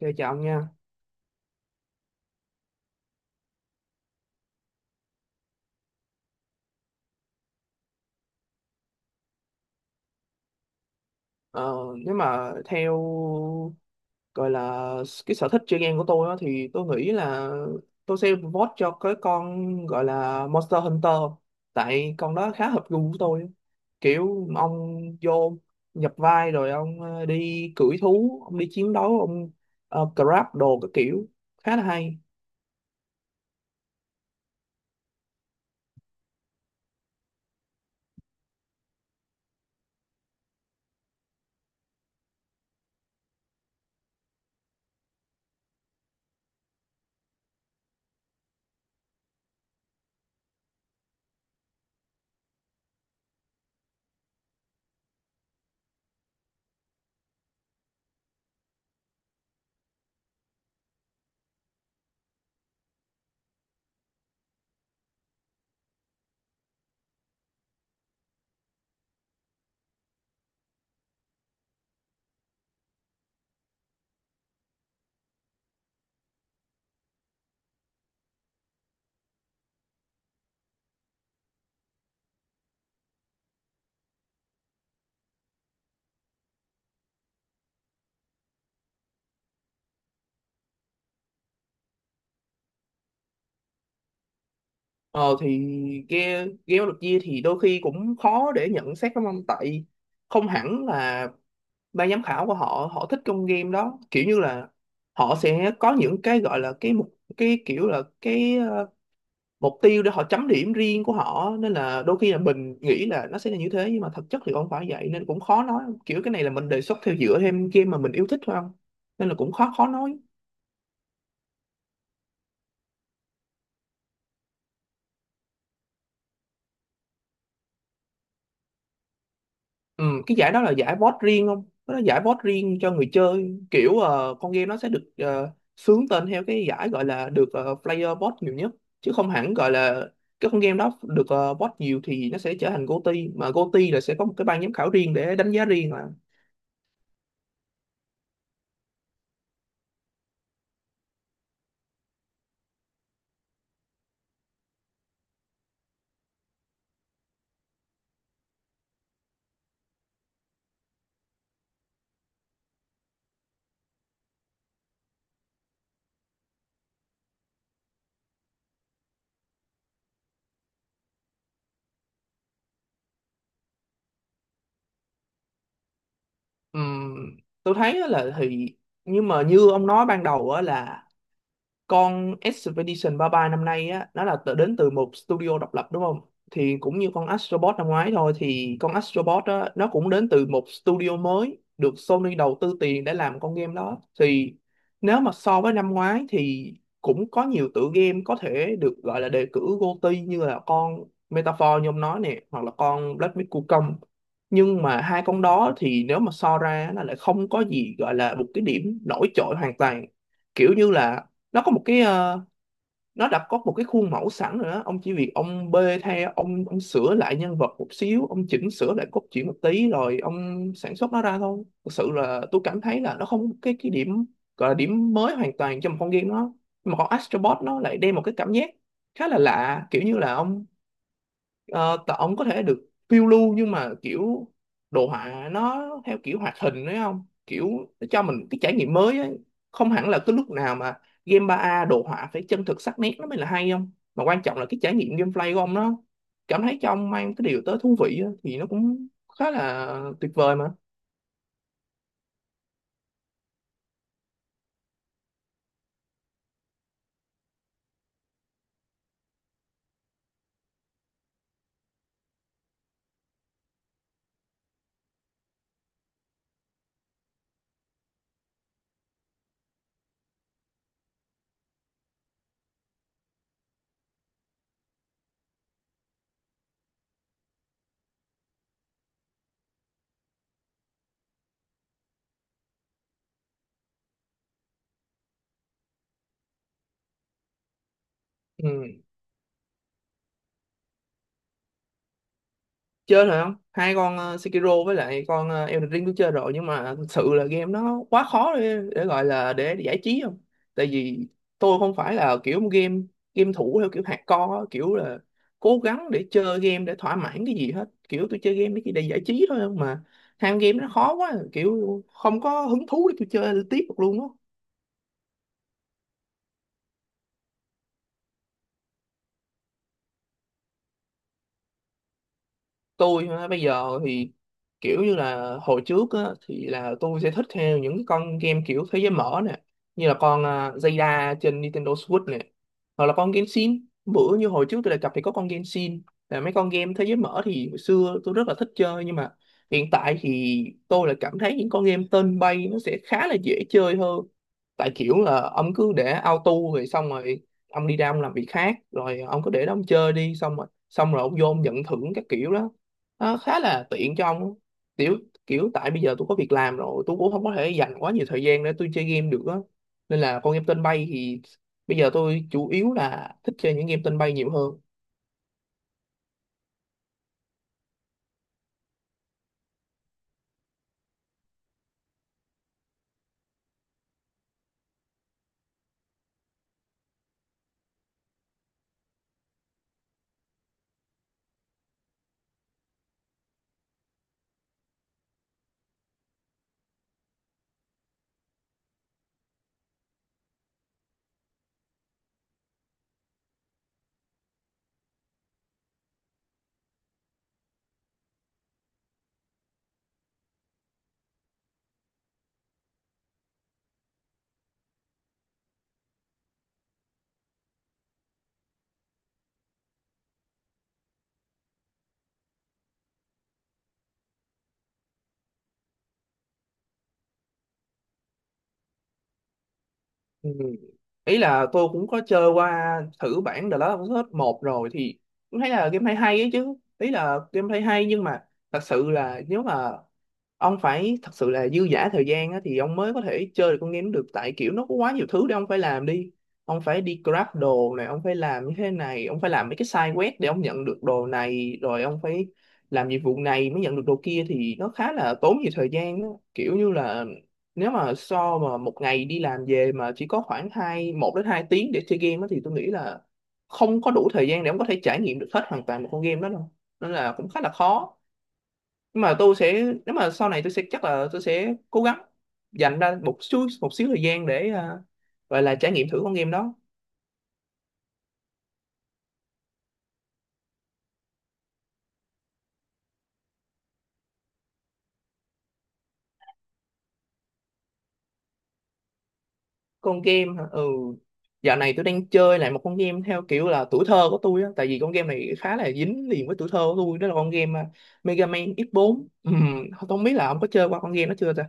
Chơi chọn nha. Ờ, Nếu mà theo gọi là cái sở thích chơi game của tôi á, thì tôi nghĩ là tôi sẽ vote cho cái con gọi là Monster Hunter, tại con đó khá hợp gu của tôi. Kiểu ông vô nhập vai rồi ông đi cưỡi thú, ông đi chiến đấu ông grab đồ các kiểu, khá là hay. Ờ thì game game được chia thì đôi khi cũng khó để nhận xét lắm ông, tại không hẳn là ban giám khảo của họ họ thích trong game đó, kiểu như là họ sẽ có những cái gọi là cái mục, cái kiểu là mục tiêu để họ chấm điểm riêng của họ, nên là đôi khi là mình nghĩ là nó sẽ là như thế, nhưng mà thực chất thì không phải vậy. Nên cũng khó nói, kiểu cái này là mình đề xuất theo dựa thêm game mà mình yêu thích thôi không. Nên là cũng khó khó nói. Ừ, cái giải đó là giải vote riêng không? Nó là giải vote riêng cho người chơi, kiểu con game nó sẽ được xướng tên theo cái giải gọi là được player vote nhiều nhất, chứ không hẳn gọi là cái con game đó được vote nhiều thì nó sẽ trở thành GOTY, mà GOTY là sẽ có một cái ban giám khảo riêng để đánh giá riêng mà. Ừm, tôi thấy á là thì, nhưng mà như ông nói ban đầu á, là con Expedition 33 năm nay á, nó là đến từ một studio độc lập đúng không. Thì cũng như con Astrobot năm ngoái thôi, thì con Astrobot á, nó cũng đến từ một studio mới được Sony đầu tư tiền để làm con game đó. Thì nếu mà so với năm ngoái thì cũng có nhiều tựa game có thể được gọi là đề cử GOTY, như là con Metaphor như ông nói nè, hoặc là con Black Myth Wukong. Nhưng mà hai con đó thì nếu mà so ra nó lại không có gì gọi là một cái điểm nổi trội hoàn toàn. Kiểu như là nó có một cái ờ, nó đã có một cái khuôn mẫu sẵn rồi đó, ông chỉ việc ông bê theo, ông sửa lại nhân vật một xíu, ông chỉnh sửa lại cốt truyện một tí rồi ông sản xuất nó ra thôi. Thực sự là tôi cảm thấy là nó không có cái điểm gọi là điểm mới hoàn toàn trong một con game đó. Nhưng mà con Astrobot nó lại đem một cái cảm giác khá là lạ, kiểu như là ông ông có thể được phiêu lưu, nhưng mà kiểu đồ họa nó theo kiểu hoạt hình đấy không, kiểu nó cho mình cái trải nghiệm mới ấy. Không hẳn là cái lúc nào mà game ba a đồ họa phải chân thực sắc nét nó mới là hay không, mà quan trọng là cái trải nghiệm gameplay của ông, nó cảm thấy cho ông mang cái điều tới thú vị á, thì nó cũng khá là tuyệt vời mà. Ừ. Chơi rồi không, hai con Sekiro với lại con Elden Ring tôi chơi rồi, nhưng mà thực sự là game nó quá khó để gọi là để giải trí không. Tại vì tôi không phải là kiểu game game thủ theo kiểu hardcore á, kiểu là cố gắng để chơi game để thỏa mãn cái gì hết, kiểu tôi chơi game để chỉ để giải trí thôi không. Mà ham game nó khó quá, kiểu không có hứng thú để tôi chơi tiếp được luôn á. Tôi hả, bây giờ thì kiểu như là hồi trước á, thì là tôi sẽ thích theo những cái con game kiểu thế giới mở nè, như là con à, Zelda trên Nintendo Switch nè, hoặc là con Genshin. Bữa như hồi trước tôi đề cập thì có con Genshin, là mấy con game thế giới mở thì hồi xưa tôi rất là thích chơi. Nhưng mà hiện tại thì tôi là cảm thấy những con game tên bay nó sẽ khá là dễ chơi hơn. Tại kiểu là ông cứ để auto rồi xong rồi ông đi ra ông làm việc khác, rồi ông cứ để đó ông chơi đi, xong rồi ông vô ông nhận thưởng các kiểu đó, nó khá là tiện cho ông á. Kiểu Kiểu tại bây giờ tôi có việc làm rồi, tôi cũng không có thể dành quá nhiều thời gian để tôi chơi game được á. Nên là con game tên bay thì bây giờ tôi chủ yếu là thích chơi những game tên bay nhiều hơn. Ừ. Ý là tôi cũng có chơi qua thử bản The Last of Us một rồi, thì cũng thấy là game hay hay ấy chứ, ý là game hay hay. Nhưng mà thật sự là nếu mà ông phải thật sự là dư dả thời gian á, thì ông mới có thể chơi được con game được. Tại kiểu nó có quá nhiều thứ để ông phải làm, ông phải đi grab đồ này, ông phải làm như thế này, ông phải làm mấy cái side quest để ông nhận được đồ này, rồi ông phải làm nhiệm vụ này mới nhận được đồ kia, thì nó khá là tốn nhiều thời gian á. Kiểu như là nếu mà so mà một ngày đi làm về mà chỉ có khoảng một đến hai tiếng để chơi game á, thì tôi nghĩ là không có đủ thời gian để ông có thể trải nghiệm được hết hoàn toàn một con game đó đâu. Nên là cũng khá là khó. Nhưng mà tôi sẽ nếu mà sau này tôi sẽ chắc là tôi sẽ cố gắng dành ra một xíu thời gian để gọi là trải nghiệm thử con game đó. Con game hả? Ừ, dạo này tôi đang chơi lại một con game theo kiểu là tuổi thơ của tôi á, tại vì con game này khá là dính liền với tuổi thơ của tôi. Đó là con game à, Mega Man X4. Không biết là ông có chơi qua con game đó chưa ta.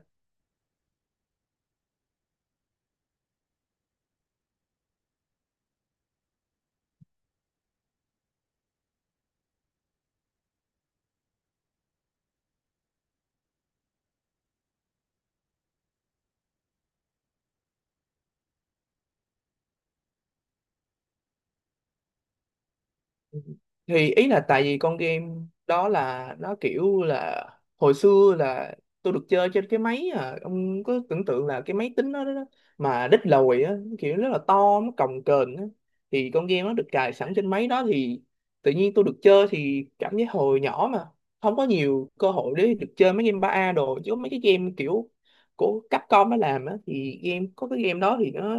Thì ý là tại vì con game đó là nó kiểu là hồi xưa là tôi được chơi trên cái máy, à ông có tưởng tượng là cái máy tính đó, mà đít lồi á, kiểu rất là to, nó cồng kềnh á. Thì con game nó được cài sẵn trên máy đó, thì tự nhiên tôi được chơi thì cảm giác hồi nhỏ mà không có nhiều cơ hội để được chơi mấy game ba a đồ, chứ mấy cái game kiểu của Capcom nó làm á, thì game có cái game đó thì nó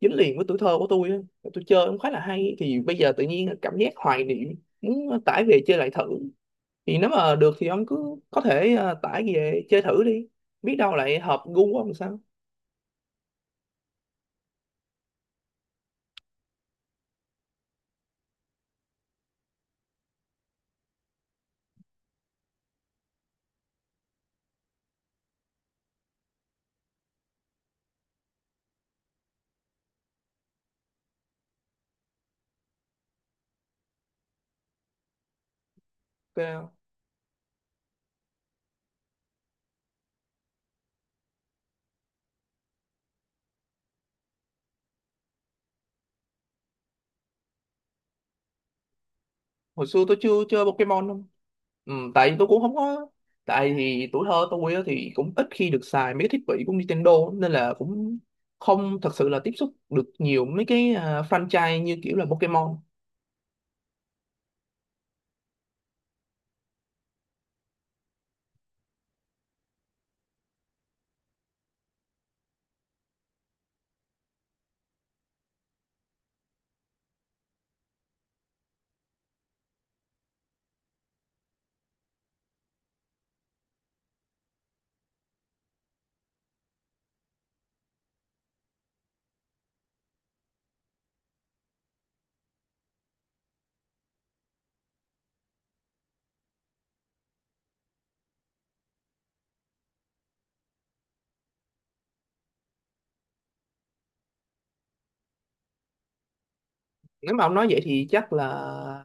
dính liền với tuổi thơ của tôi á. Tôi chơi cũng khá là hay, thì bây giờ tự nhiên cảm giác hoài niệm muốn tải về chơi lại thử. Thì nếu mà được thì ông cứ có thể tải về chơi thử đi, biết đâu lại hợp gu của ông sao. Ok không? Hồi xưa tôi chưa chơi Pokemon không. Ừ, tại vì tôi cũng không có, tại thì tuổi thơ tôi á thì cũng ít khi được xài mấy cái thiết bị của Nintendo, nên là cũng không thật sự là tiếp xúc được nhiều mấy cái franchise như kiểu là Pokemon. Nếu mà ông nói vậy thì chắc là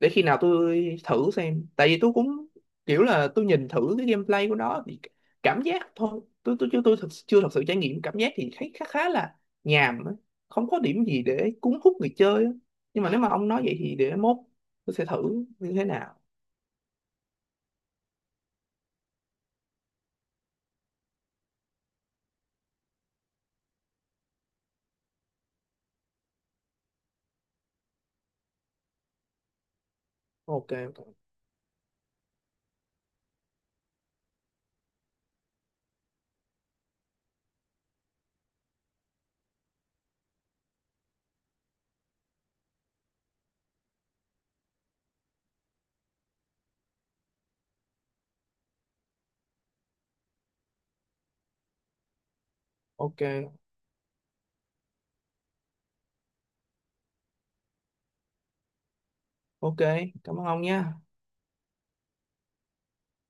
để khi nào tôi thử xem. Tại vì tôi cũng kiểu là tôi nhìn thử cái gameplay của nó thì cảm giác thôi, tôi chưa chưa thật sự trải nghiệm cảm giác, thì thấy khá khá là nhàm á, không có điểm gì để cuốn hút người chơi á. Nhưng mà nếu mà ông nói vậy thì để mốt tôi sẽ thử như thế nào. Ok. Ok. Ok, cảm ơn ông nha.